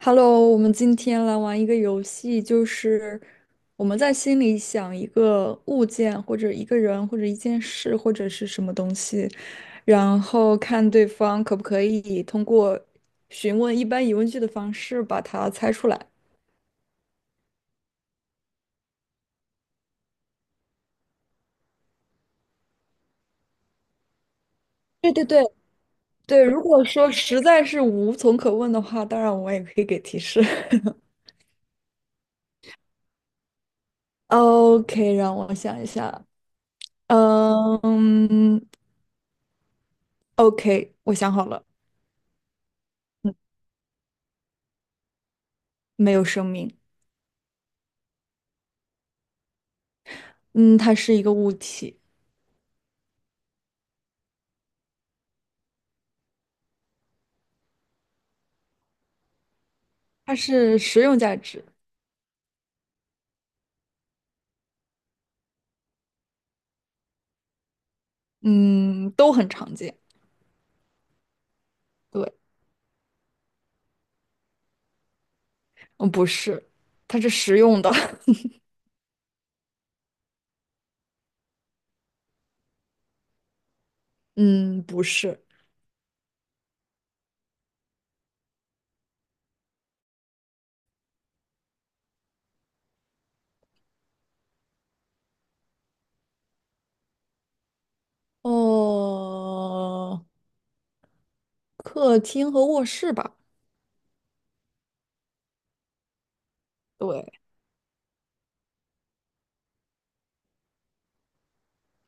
Hello，我们今天来玩一个游戏，就是我们在心里想一个物件，或者一个人，或者一件事，或者是什么东西，然后看对方可不可以通过询问一般疑问句的方式把它猜出来。对对对对，如果说实在是无从可问的话，当然我也可以给提示。OK，让我想一下。嗯，OK，我想好了，没有生命。嗯，它是一个物体，它是实用价值，嗯，都很常见。对，嗯，不是，它是实用的，嗯，不是。哦，客厅和卧室吧。对，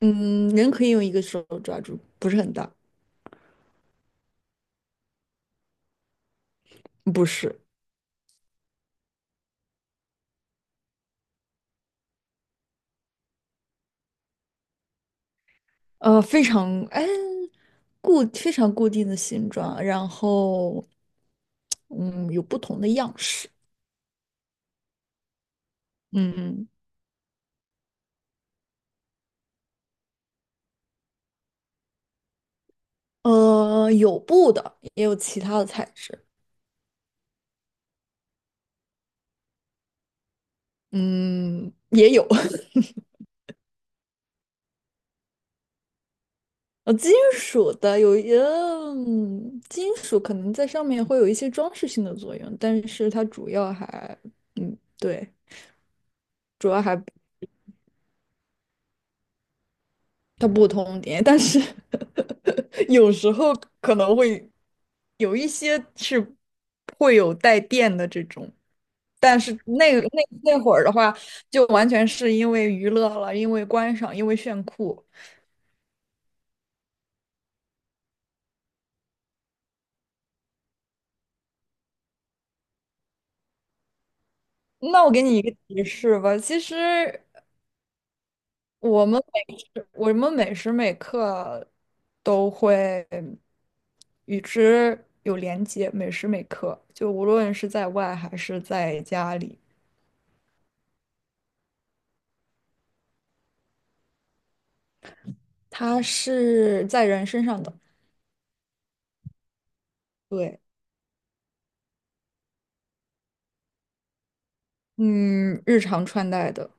嗯，人可以用一个手抓住，不是很大，不是，呃，非常哎非常固定的形状，然后嗯有不同的样式，嗯有布的，也有其他的材质。嗯，也有，金属的有一，嗯，金属可能在上面会有一些装饰性的作用，但是它主要还，嗯，对，主要还它不通电，但是 有时候可能会有一些是会有带电的这种，但是那会儿的话，就完全是因为娱乐了，因为观赏，因为炫酷。那我给你一个提示吧，其实。我们我们每时每刻都会与之有连接，每时每刻，就无论是在外还是在家里，它是在人身上的，对，嗯，日常穿戴的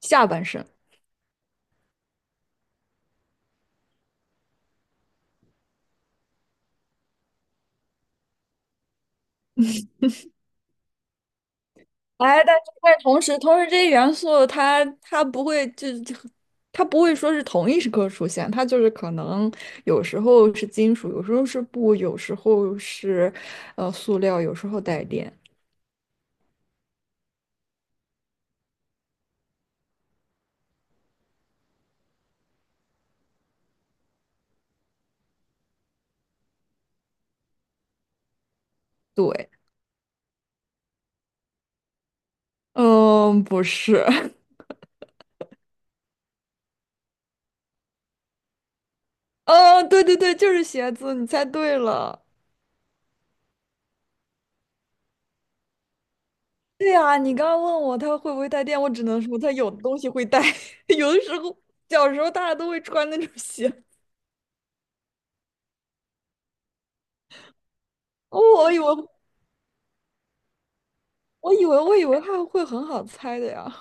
下半身。哎，但是同时，这些元素它不会它不会说是同一时刻出现，它就是可能有时候是金属，有时候是布，有时候是塑料，有时候带电。对，嗯，不是，嗯，对对对，就是鞋子，你猜对了。对呀，你刚刚问我它会不会带电，我只能说它有的东西会带，有的时候小时候大家都会穿那种鞋，我以为我以为它会很好猜的呀。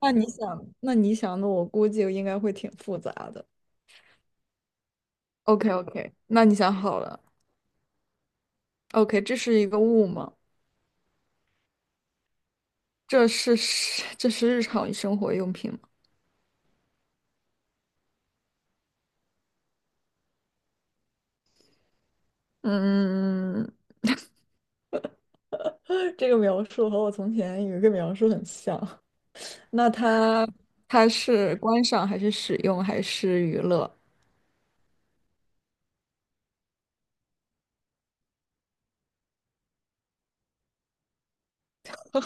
那你想的，我估计应该会挺复杂的。OK OK，那你想好了？OK，这是一个物吗？这是 这是日常生活用品吗？嗯，这个描述和我从前有一个描述很像。那它它是观赏还是使用还是娱乐？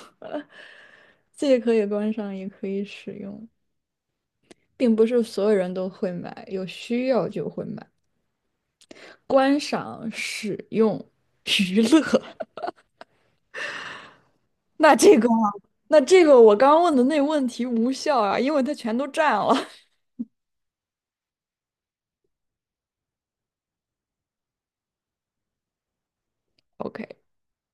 既可以观赏，也可以使用，并不是所有人都会买，有需要就会买。观赏、使用、娱乐，那这个啊，那这个我刚刚问的那问题无效啊，因为它全都占了。OK，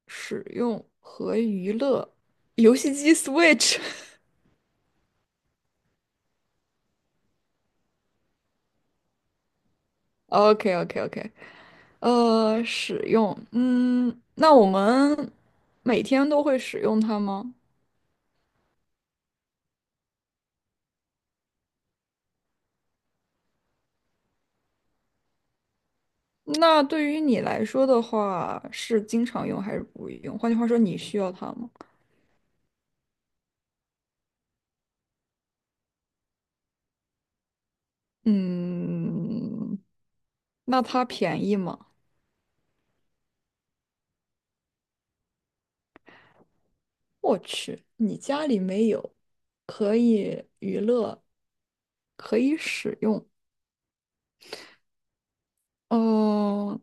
使用和娱乐，游戏机 Switch。OK OK OK，使用，嗯，那我们每天都会使用它吗？那对于你来说的话，是经常用还是不用？换句话说，你需要它吗？嗯，那它便宜吗？我去，你家里没有，可以娱乐，可以使用。嗯，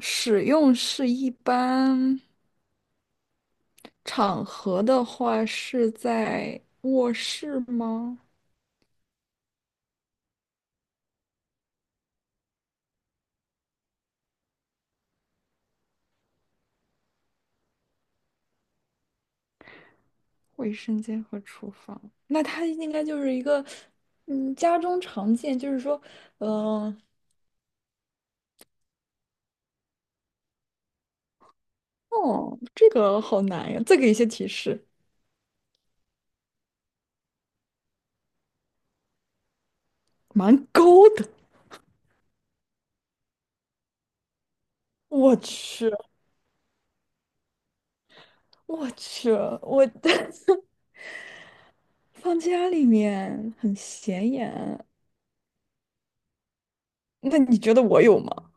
使用是一般场合的话是在卧室吗？卫生间和厨房，那它应该就是一个，嗯，家中常见，就是说，嗯、哦，这个好难呀，再给一些提示，蛮高的。我去，我去，我 放家里面很显眼。那你觉得我有吗？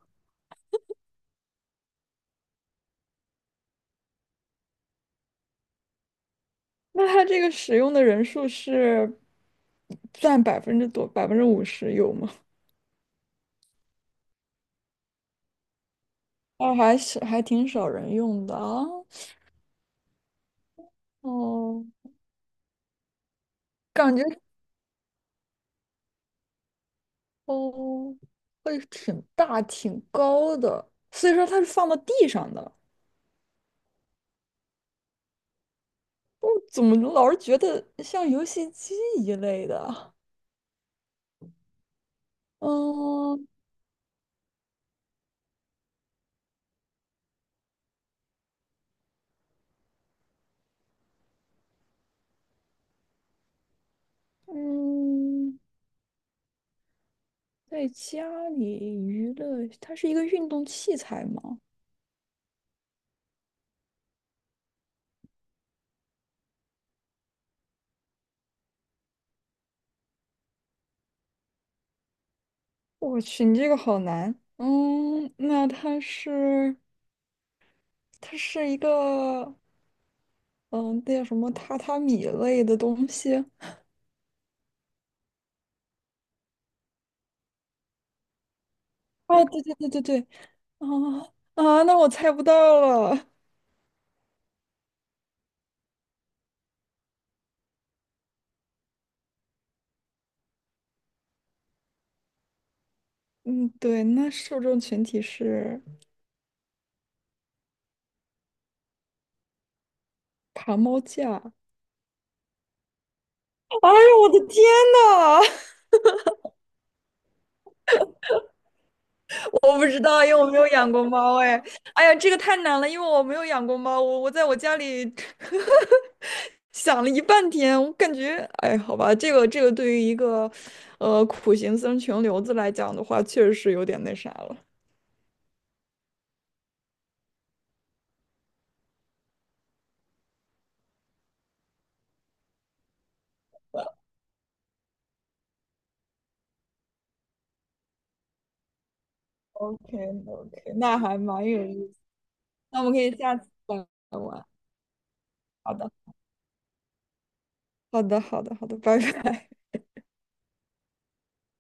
那它这个使用的人数是占百分之多，50%有吗？那还是还挺少人用的啊。哦，感觉哦，会挺大挺高的，所以说它是放到地上的。我怎么老是觉得像游戏机一类的？嗯嗯，在家里娱乐，它是一个运动器材吗？我去，你这个好难。嗯，那它是它是一个嗯，那叫什么榻榻米类的东西啊？对对对对对，啊啊，那我猜不到了。嗯，对，那受众群体是爬猫架。哎呀，我的天呐，我不知道，因为我没有养过猫。哎，哎呀，这个太难了，因为我没有养过猫，我在我家里 想了一半天，我感觉，哎，好吧，这个对于一个，苦行僧穷流子来讲的话，确实是有点那啥了。o k o k 那还蛮有意思。那我们可以下次再玩。好的，好的，好的，好的，拜拜。